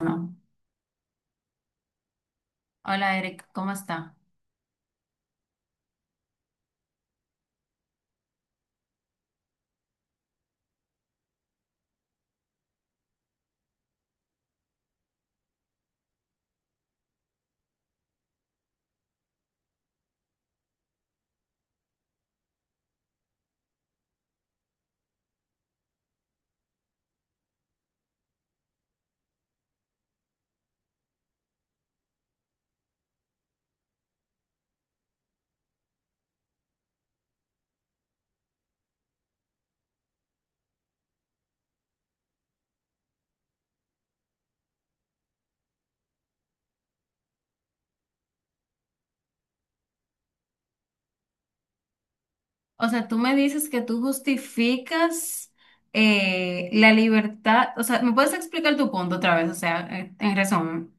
No. Hola Eric, ¿cómo está? O sea, tú me dices que tú justificas la libertad, o sea, ¿me puedes explicar tu punto otra vez? O sea, en resumen.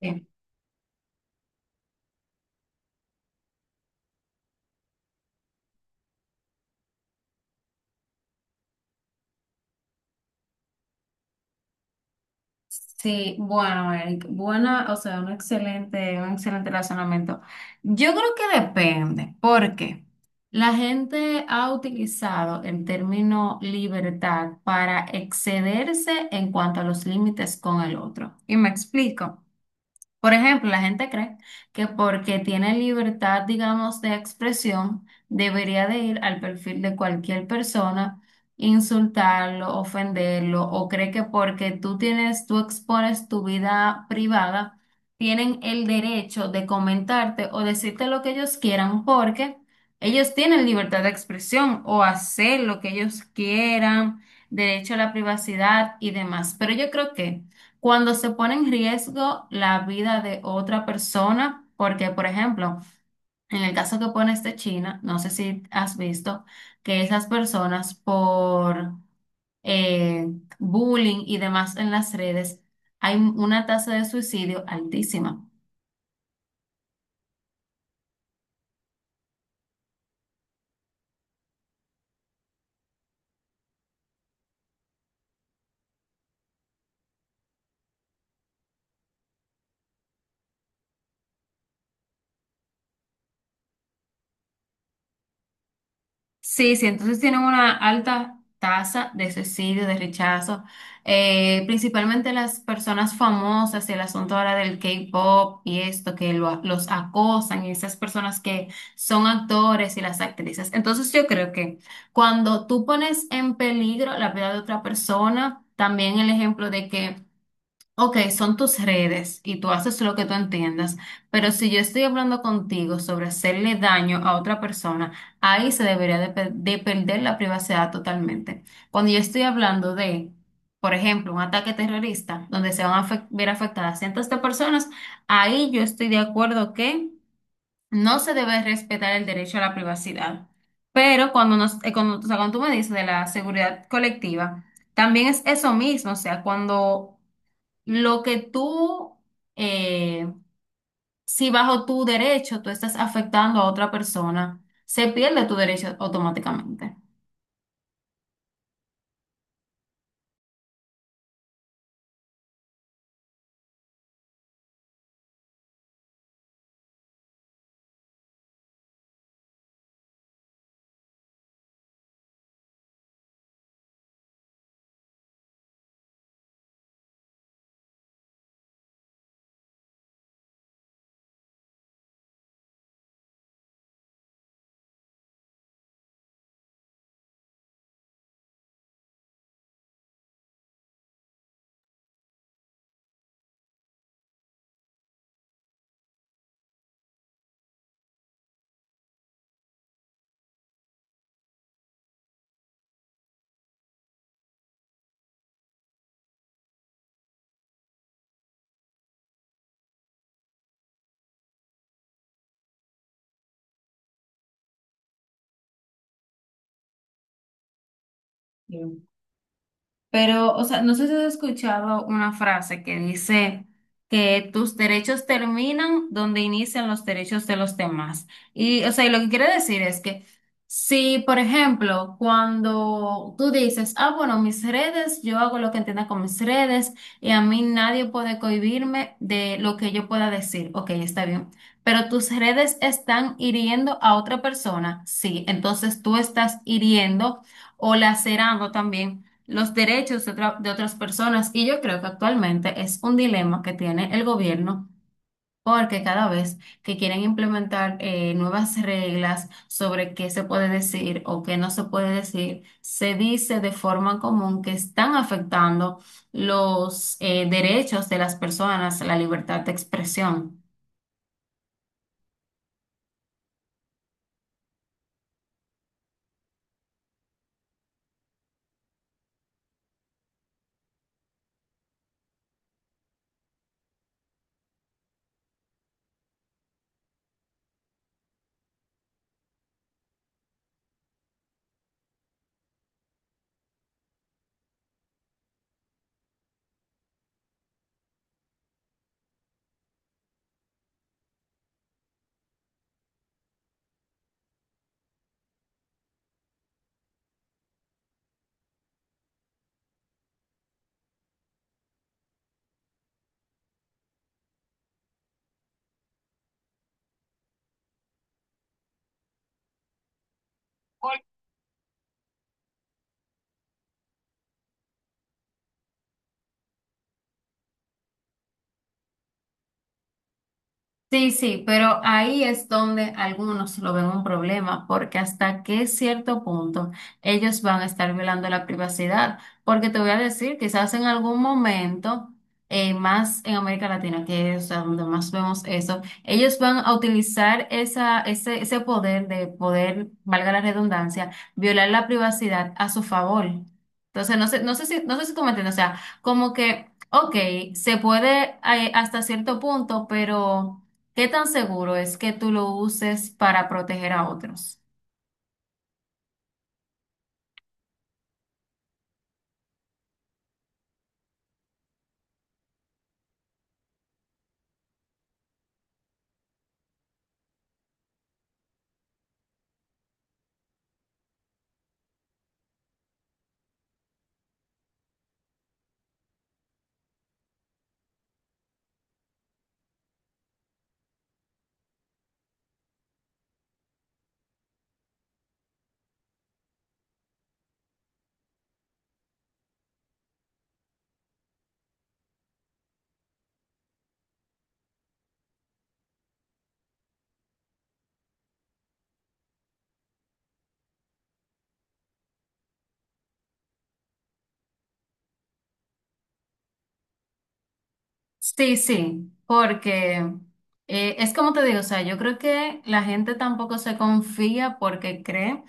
Sí. Sí, bueno, Eric, buena, o sea, un excelente razonamiento. Yo creo que depende, porque la gente ha utilizado el término libertad para excederse en cuanto a los límites con el otro. Y me explico. Por ejemplo, la gente cree que porque tiene libertad, digamos, de expresión, debería de ir al perfil de cualquier persona, insultarlo, ofenderlo, o cree que porque tú tienes, tú expones tu vida privada, tienen el derecho de comentarte o decirte lo que ellos quieran porque ellos tienen libertad de expresión o hacer lo que ellos quieran, derecho a la privacidad y demás. Pero yo creo que cuando se pone en riesgo la vida de otra persona, porque, por ejemplo, en el caso que pones de China, no sé si has visto que esas personas por eh, bullying y demás en las redes, hay una tasa de suicidio altísima. Sí, sí, entonces tienen una alta tasa de suicidio, de rechazo. Principalmente las personas famosas, el asunto ahora del K-pop y esto, que los acosan, y esas personas que son actores y las actrices. Entonces yo creo que cuando tú pones en peligro la vida de otra persona, también el ejemplo de que, ok, son tus redes y tú haces lo que tú entiendas, pero si yo estoy hablando contigo sobre hacerle daño a otra persona, ahí se debería de perder la privacidad totalmente. Cuando yo estoy hablando de, por ejemplo, un ataque terrorista donde se van a ver afectadas cientos de personas, ahí yo estoy de acuerdo que no se debe respetar el derecho a la privacidad. Pero cuando, o sea, cuando tú me dices de la seguridad colectiva, también es eso mismo, o sea, cuando... Lo que tú, eh, si bajo tu derecho tú estás afectando a otra persona, se pierde tu derecho automáticamente. Pero, o sea, no sé si has escuchado una frase que dice que tus derechos terminan donde inician los derechos de los demás. Y, o sea, y lo que quiere decir es que si, por ejemplo, cuando tú dices, ah, bueno, mis redes, yo hago lo que entienda con mis redes y a mí nadie puede cohibirme de lo que yo pueda decir. Ok, está bien. Pero tus redes están hiriendo a otra persona. Sí, entonces tú estás hiriendo o lacerando también los derechos de, de otras personas. Y yo creo que actualmente es un dilema que tiene el gobierno. Porque cada vez que quieren implementar nuevas reglas sobre qué se puede decir o qué no se puede decir, se dice de forma común que están afectando los derechos de las personas, la libertad de expresión. Sí, sí, pero ahí es donde algunos lo ven un problema, porque hasta qué cierto punto ellos van a estar violando la privacidad. Porque te voy a decir, quizás en algún momento, más en América Latina, que es a donde más vemos eso, ellos van a utilizar ese poder de poder, valga la redundancia, violar la privacidad a su favor. Entonces, no sé, no sé si tú me entiendes, o sea, como que, ok, se puede, hasta cierto punto, pero... ¿Qué tan seguro es que tú lo uses para proteger a otros? Sí, sí, porque es como te digo, o sea, yo creo que la gente tampoco se confía porque cree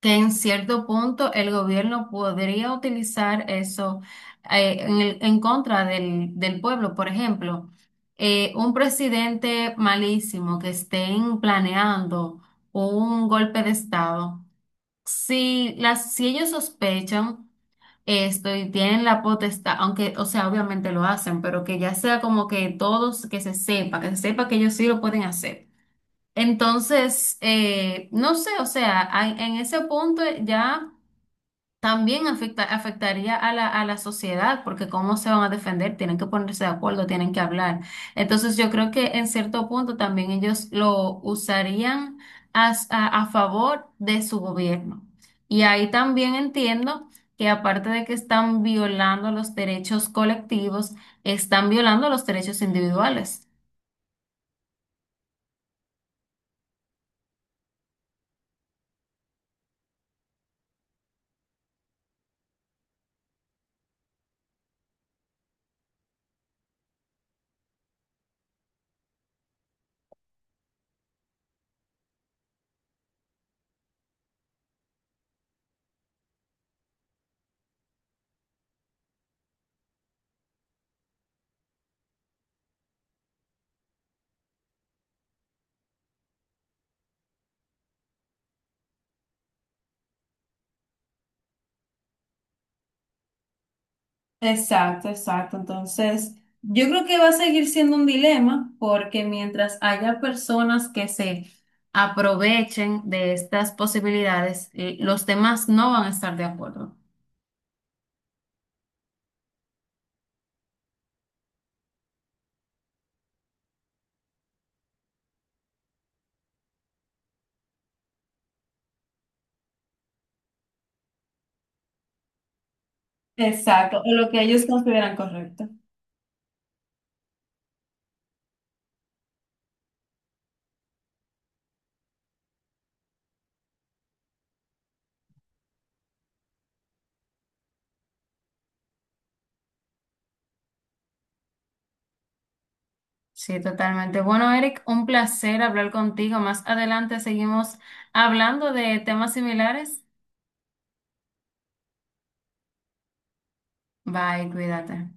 que en cierto punto el gobierno podría utilizar eso en contra del pueblo. Por ejemplo, un presidente malísimo que estén planeando un golpe de estado. Si ellos sospechan esto y tienen la potestad, aunque, o sea, obviamente lo hacen, pero que ya sea como que todos, que se sepa que ellos sí lo pueden hacer. Entonces, no sé, o sea, en ese punto ya... También afecta, afectaría a a la sociedad, porque cómo se van a defender, tienen que ponerse de acuerdo, tienen que hablar. Entonces yo creo que en cierto punto también ellos lo usarían a favor de su gobierno. Y ahí también entiendo que aparte de que están violando los derechos colectivos, están violando los derechos individuales. Exacto, exacto. Entonces, yo creo que va a seguir siendo un dilema porque mientras haya personas que se aprovechen de estas posibilidades, los demás no van a estar de acuerdo. Exacto, o lo que ellos consideran correcto. Sí, totalmente. Bueno, Eric, un placer hablar contigo. Más adelante seguimos hablando de temas similares. Bye, cuídate.